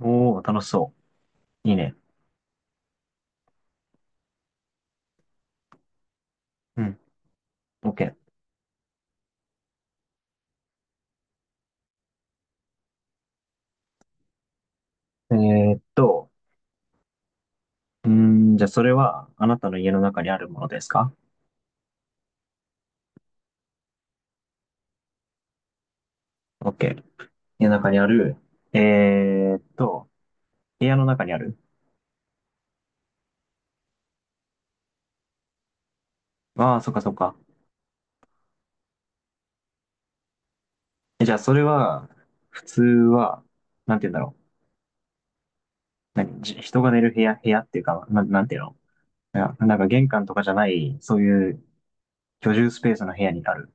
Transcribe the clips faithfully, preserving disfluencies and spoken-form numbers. おー、楽しそう。いいね。うん。OK。えーっと、うーん、じゃあそれは、あなたの家の中にあるものですか？ OK。家の中にある。えーっと、部屋の中にある。ああ、そっかそっか。えじゃあそれは、普通は、なんて言うんだろう。何、じ人が寝る部屋、部屋っていうか、な、なんていうの？いや、なんか玄関とかじゃない、そういう居住スペースの部屋にある。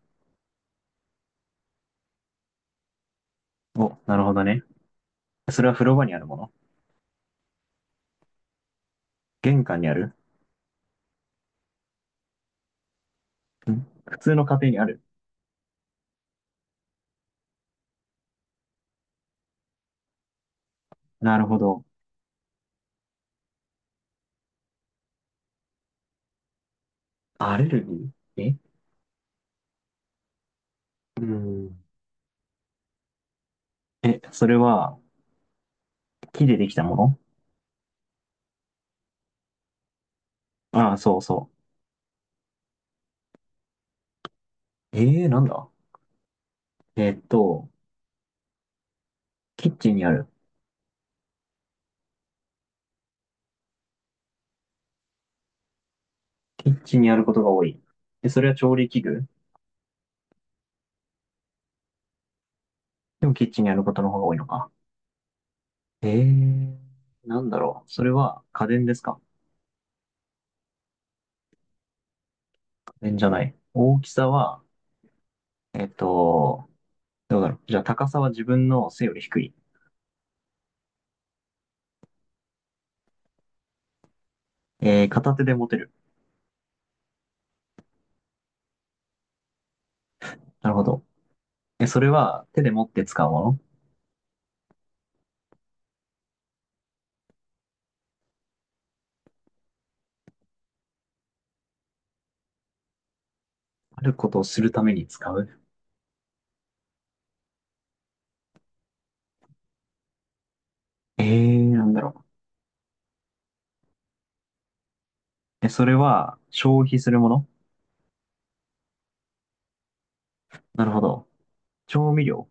お、なるほどね。それは風呂場にあるもの？玄関にある？ん、普通の家庭にある。なるほど。アレルギー？えうん。え、それは木でできたもの？ああ、そうそう。えー、なんだえーっと、キッチンにある。キッチンにあることが多い。え、それは調理器具？でもキッチンにあることの方が多いのか。えー、なんだろう。それは家電ですか？家電じゃない。大きさは、えーっと、どうだろう。じゃあ高さは自分の背より低い。えー、片手で持てる。なるほど。え、それは手で持って使うもの？あることをするために使う？えー、なんだろう。え、それは消費するもの？なるほど。調味料？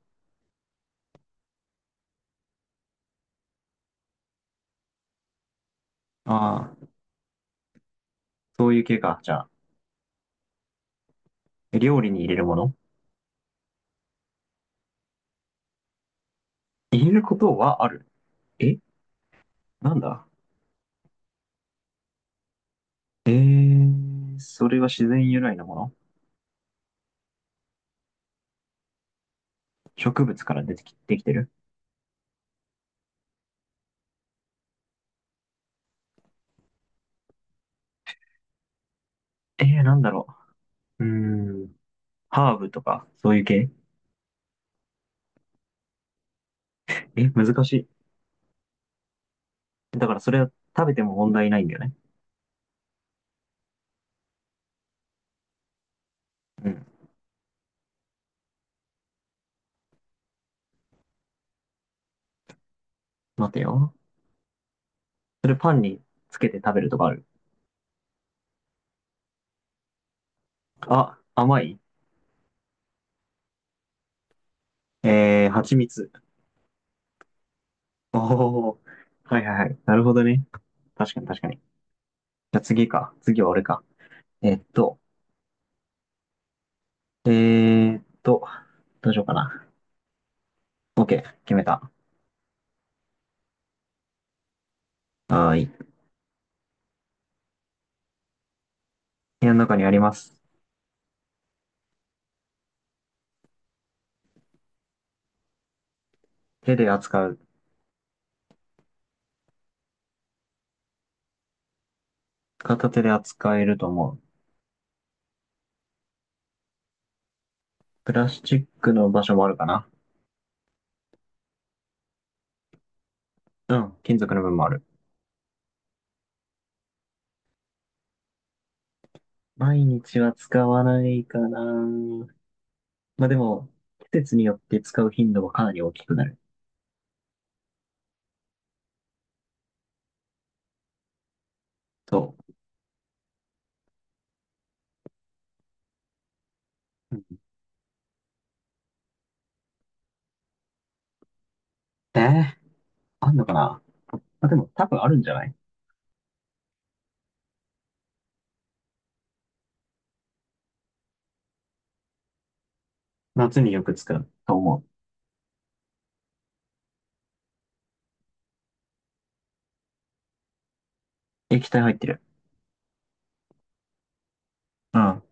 ああ、そういう系か。じゃあ、え料理に入れるもの？入れることはある。えなんだえー、それは自然由来のもの？植物から出てき、できてる？えー、なんだろう。うーん、ハーブとか、そういう系？え、難しい。だからそれは食べても問題ないんだよね。うん。待てよ。それパンにつけて食べるとかある？あ、甘い？えー、蜂蜜。おー。はいはいはい。なるほどね。確かに確かに。じゃあ次か。次は俺か。えっと、えーっと、どうしようかな。OK。決めた。はーい。部屋の中にあります。手で扱う。片手で扱えると思う。プラスチックの場所もあるかな。うん。金属の部分もある。毎日は使わないかな。まあでも、季節によって使う頻度はかなり大きくなる。そう。うん。えー、あんのかな。まあでも多分あるんじゃない？夏によく使うと思う。液体入ってる。うん。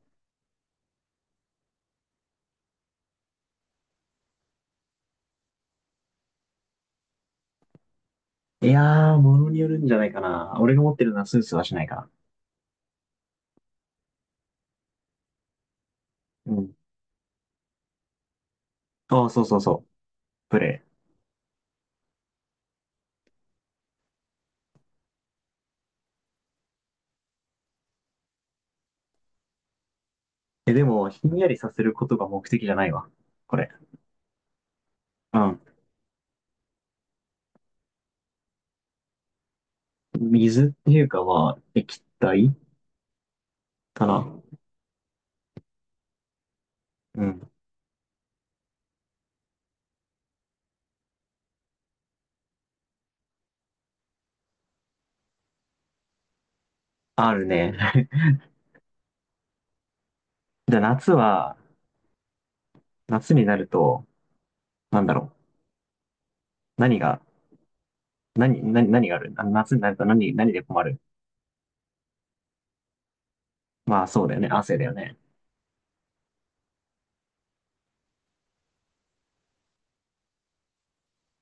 いやー、ものによるんじゃないかな。俺が持ってるのはスースーはしないかな。うん。ああ、そうそうそう。プレイ。え、でも、ひんやりさせることが目的じゃないわ。これ。うん。水っていうかまあ、液体かな。うん。あるね。じゃあ夏は、夏になると、なんだろう。何が、何、何、何があるあ夏になると何、何で困る？まあそうだよね。汗だよね。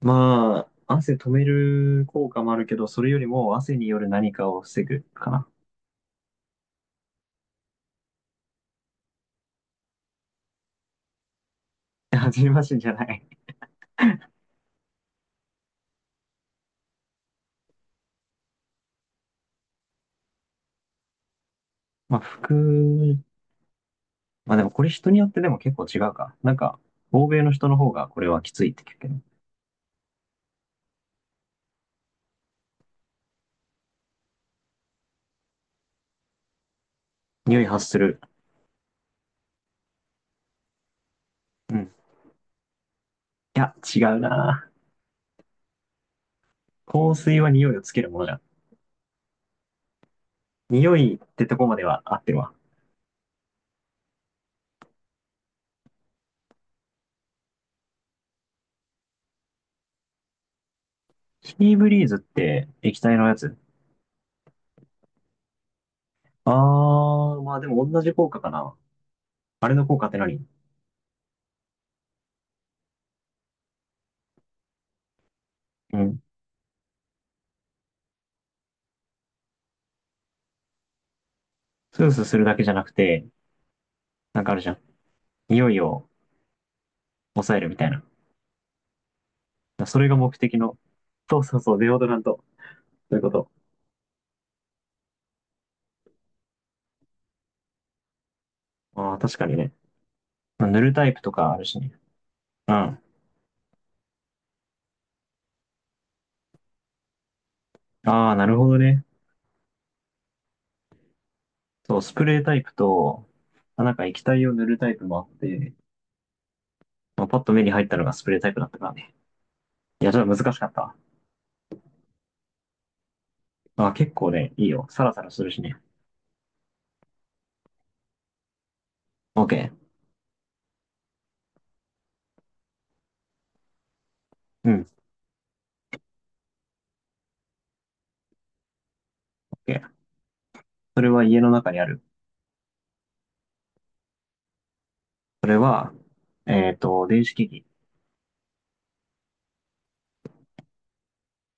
まあ、汗止める効果もあるけど、それよりも汗による何かを防ぐかな。初めましてじゃない。まあ、服、まあでもこれ人によってでも結構違うか。なんか、欧米の人の方がこれはきついって聞くけど。匂い発する。うん。いや、違うな。香水は匂いをつけるものじゃん。匂いってとこまでは合ってるわ。キーブリーズって液体のやつ？あー、まあでも同じ効果かな。あれの効果って何？うん。スースーするだけじゃなくて、なんかあるじゃん。匂いを抑えるみたいな。それが目的の。そうそうそう、デオドラント。そういうこと。ああ、確かにね。まあ塗るタイプとかあるしね。うん。ああ、なるほどね。そう、スプレータイプと、まあ、なんか液体を塗るタイプもあって、まあ、パッと目に入ったのがスプレータイプだったからね。いや、ちょっと難しかったわ。まあ、結構ね、いいよ。サラサラするしね。OK。うん、OK。それは家の中にある。それは、えっと、電子機器。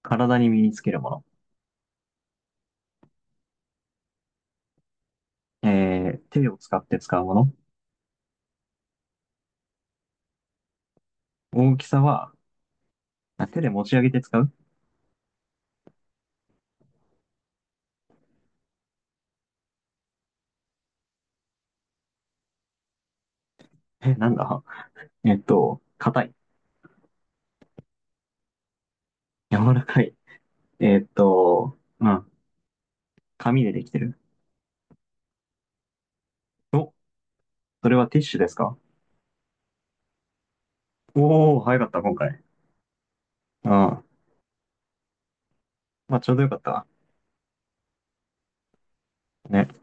体に身につけるもの。えー、手を使って使うもの。大きさは、あ手で持ち上げて使う？え、なんだ？えっと、硬い。柔らかい。えっと、うん。紙でできてる。お、それはティッシュですか？おおー、早かった、今回。うん。まあ、ちょうどよかったわ。ね。